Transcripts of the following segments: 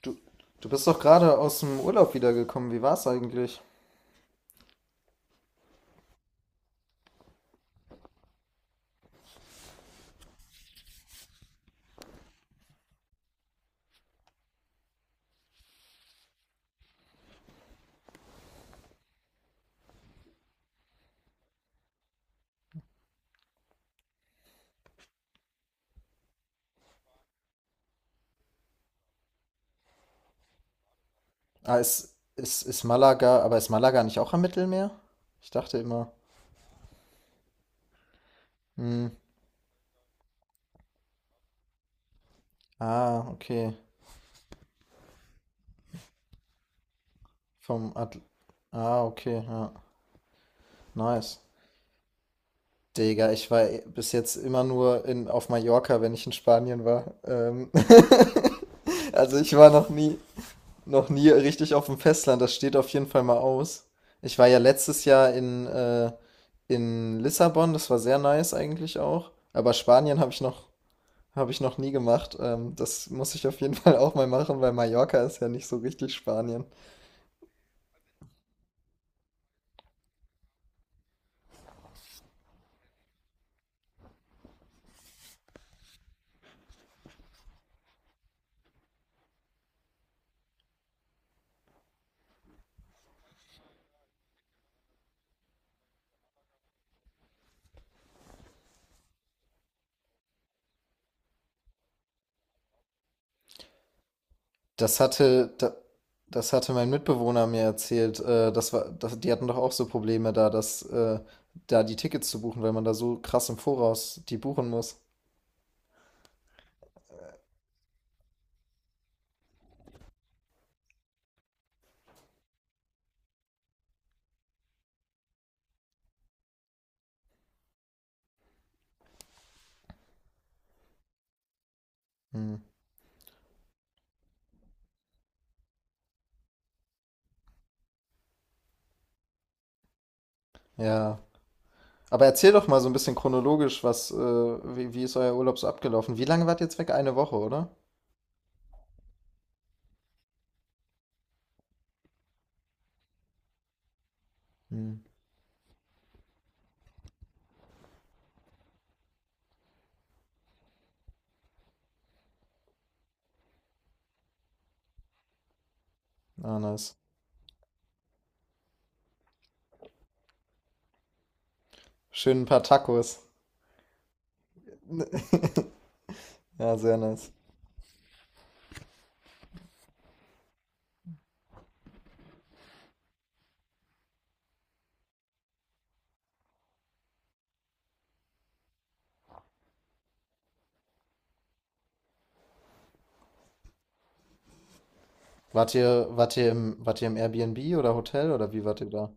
Du, du bist doch gerade aus dem Urlaub wiedergekommen. Wie war's eigentlich? Ah, ist Malaga, aber ist Malaga nicht auch am Mittelmeer? Ich dachte immer. Hm. Ah, okay. Vom Atl Ah, okay, ja. Nice. Digga, ich war bis jetzt immer nur auf Mallorca, wenn ich in Spanien war. Also ich war noch nie, noch nie richtig auf dem Festland, das steht auf jeden Fall mal aus. Ich war ja letztes Jahr in Lissabon, das war sehr nice eigentlich auch. Aber Spanien habe ich noch nie gemacht. Das muss ich auf jeden Fall auch mal machen, weil Mallorca ist ja nicht so richtig Spanien. Das hatte, da, Das hatte mein Mitbewohner mir erzählt. Die hatten doch auch so Probleme da, dass da die Tickets zu buchen, weil man da so krass im Voraus die buchen muss. Hm. Ja. Aber erzähl doch mal so ein bisschen chronologisch, wie ist euer Urlaub so abgelaufen? Wie lange wart ihr jetzt weg? Eine Woche, oder? Hm. Ah, nice. Schön ein paar Tacos. Ja, sehr nice. Wart ihr im Airbnb oder Hotel oder wie wart ihr da?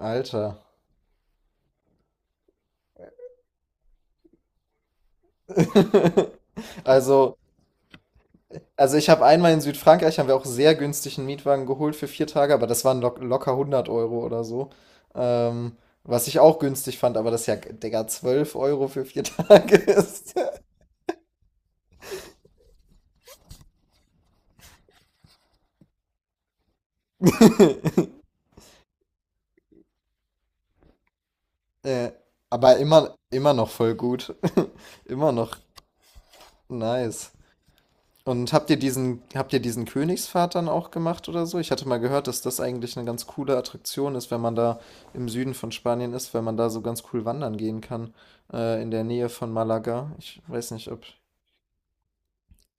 Alter. Also, also ich habe einmal in Südfrankreich, haben wir auch sehr günstigen Mietwagen geholt für 4 Tage, aber das waren locker 100 Euro oder so. Ähm, Was ich auch günstig fand, aber das ist ja, Digga, 12 Euro für vier Tage ist. Äh, aber immer noch voll gut. Immer noch nice. Und habt ihr diesen Königspfad dann auch gemacht oder so? Ich hatte mal gehört, dass das eigentlich eine ganz coole Attraktion ist, wenn man da im Süden von Spanien ist, weil man da so ganz cool wandern gehen kann, in der Nähe von Malaga. Ich weiß nicht, ob.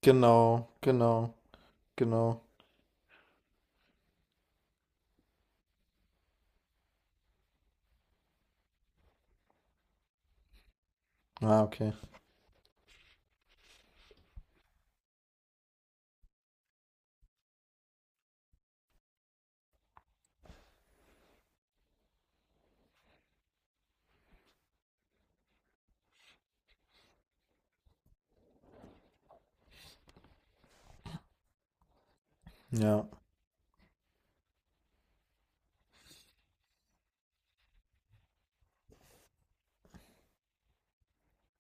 Genau, genau, genau. Ah, okay. Ja,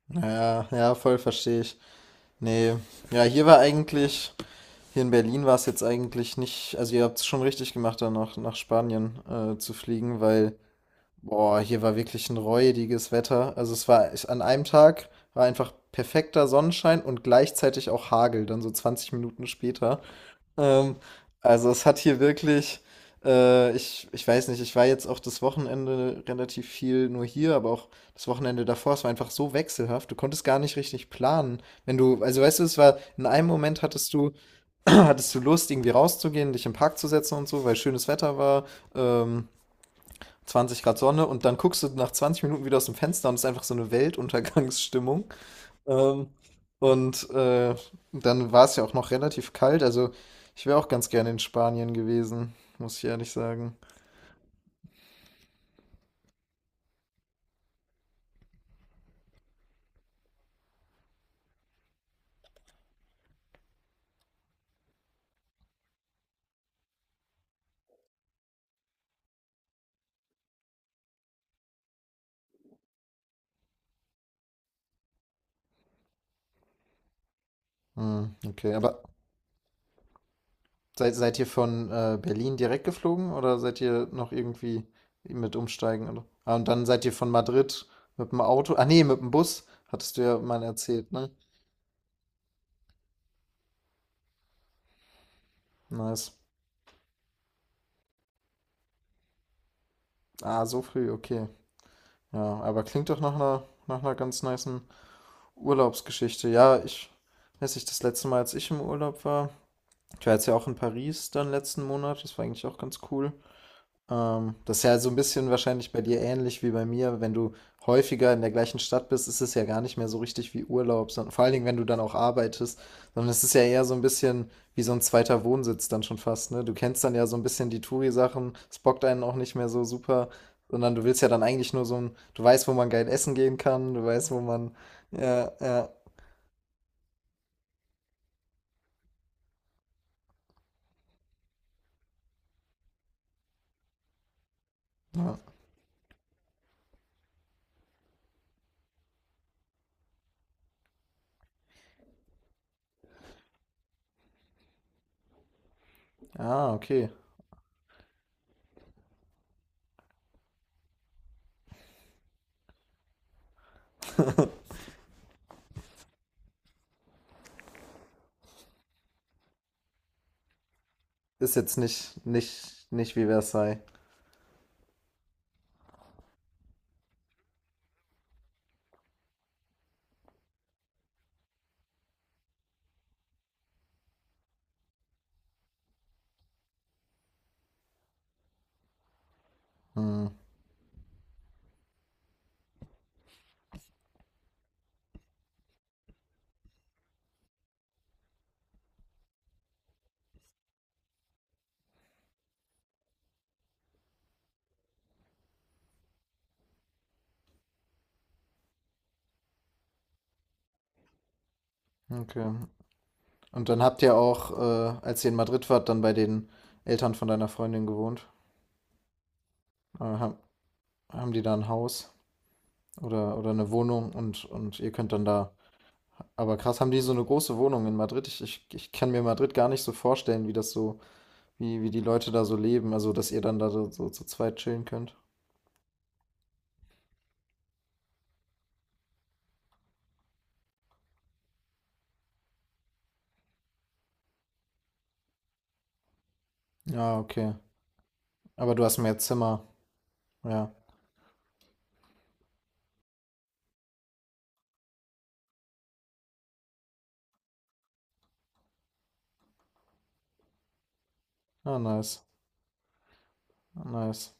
ja, ja, voll verstehe ich. Nee, ja, hier in Berlin war es jetzt eigentlich nicht, also ihr habt's schon richtig gemacht, da nach Spanien zu fliegen, weil, boah, hier war wirklich ein räudiges Wetter. Also, es war ich an einem Tag war einfach perfekter Sonnenschein und gleichzeitig auch Hagel dann so 20 Minuten später. Ähm, also es hat hier wirklich, ich weiß nicht, ich war jetzt auch das Wochenende relativ viel nur hier, aber auch das Wochenende davor, es war einfach so wechselhaft, du konntest gar nicht richtig planen. Wenn du, Also weißt du, in einem Moment hattest du, hattest du Lust, irgendwie rauszugehen, dich im Park zu setzen und so, weil schönes Wetter war, ähm, 20 Grad Sonne, und dann guckst du nach 20 Minuten wieder aus dem Fenster und es ist einfach so eine Weltuntergangsstimmung. Ähm, und äh, Dann war es ja auch noch relativ kalt. Also ich wäre auch ganz gerne in Spanien gewesen, muss ich ehrlich sagen. Hm, okay, aber seid ihr von Berlin direkt geflogen oder seid ihr noch irgendwie mit umsteigen? Oder? Ah, und dann seid ihr von Madrid mit dem Auto. Ah nee, mit dem Bus, hattest du ja mal erzählt, ne? Nice. Ah, so früh, okay. Ja, aber klingt doch nach einer ganz nicen Urlaubsgeschichte. Ja, ich weiß nicht, das letzte Mal, als ich im Urlaub war. Ich war jetzt ja auch in Paris dann letzten Monat, das war eigentlich auch ganz cool. Das ist ja so ein bisschen wahrscheinlich bei dir ähnlich wie bei mir. Wenn du häufiger in der gleichen Stadt bist, ist es ja gar nicht mehr so richtig wie Urlaub, sondern vor allen Dingen, wenn du dann auch arbeitest, sondern es ist ja eher so ein bisschen wie so ein zweiter Wohnsitz dann schon fast, ne? Du kennst dann ja so ein bisschen die Touri-Sachen, es bockt einen auch nicht mehr so super, sondern du willst ja dann eigentlich nur so ein, du weißt, wo man geil essen gehen kann, du weißt, wo man, ja, ja, ja, ah, okay. Ist jetzt nicht wie Versailles. Hm. Okay. Und dann habt ihr auch als ihr in Madrid wart, dann bei den Eltern von deiner Freundin gewohnt. Äh, haben, Haben die da ein Haus oder eine Wohnung, und ihr könnt dann da. Aber krass, haben die so eine große Wohnung in Madrid? Ich kann mir Madrid gar nicht so vorstellen, wie die Leute da so leben. Also, dass ihr dann da so zu zweit chillen könnt. Ja, okay. Aber du hast mehr Zimmer. Ja. Ah, nice. Nice.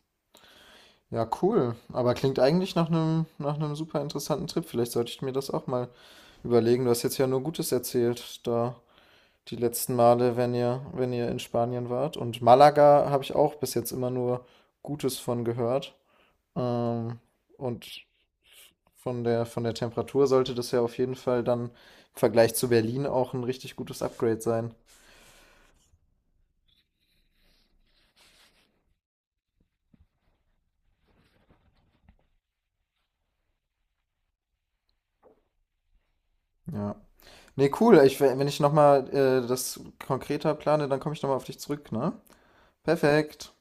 Ja, cool. Aber klingt eigentlich nach einem super interessanten Trip. Vielleicht sollte ich mir das auch mal überlegen. Du hast jetzt ja nur Gutes erzählt da die letzten Male, wenn ihr in Spanien wart. Und Malaga habe ich auch bis jetzt immer nur Gutes von gehört. Ähm, und von der Temperatur sollte das ja auf jeden Fall dann im Vergleich zu Berlin auch ein richtig gutes Upgrade sein. Ja. Ne, cool. Ich Wenn ich noch mal das konkreter plane, dann komme ich noch mal auf dich zurück, ne? Perfekt.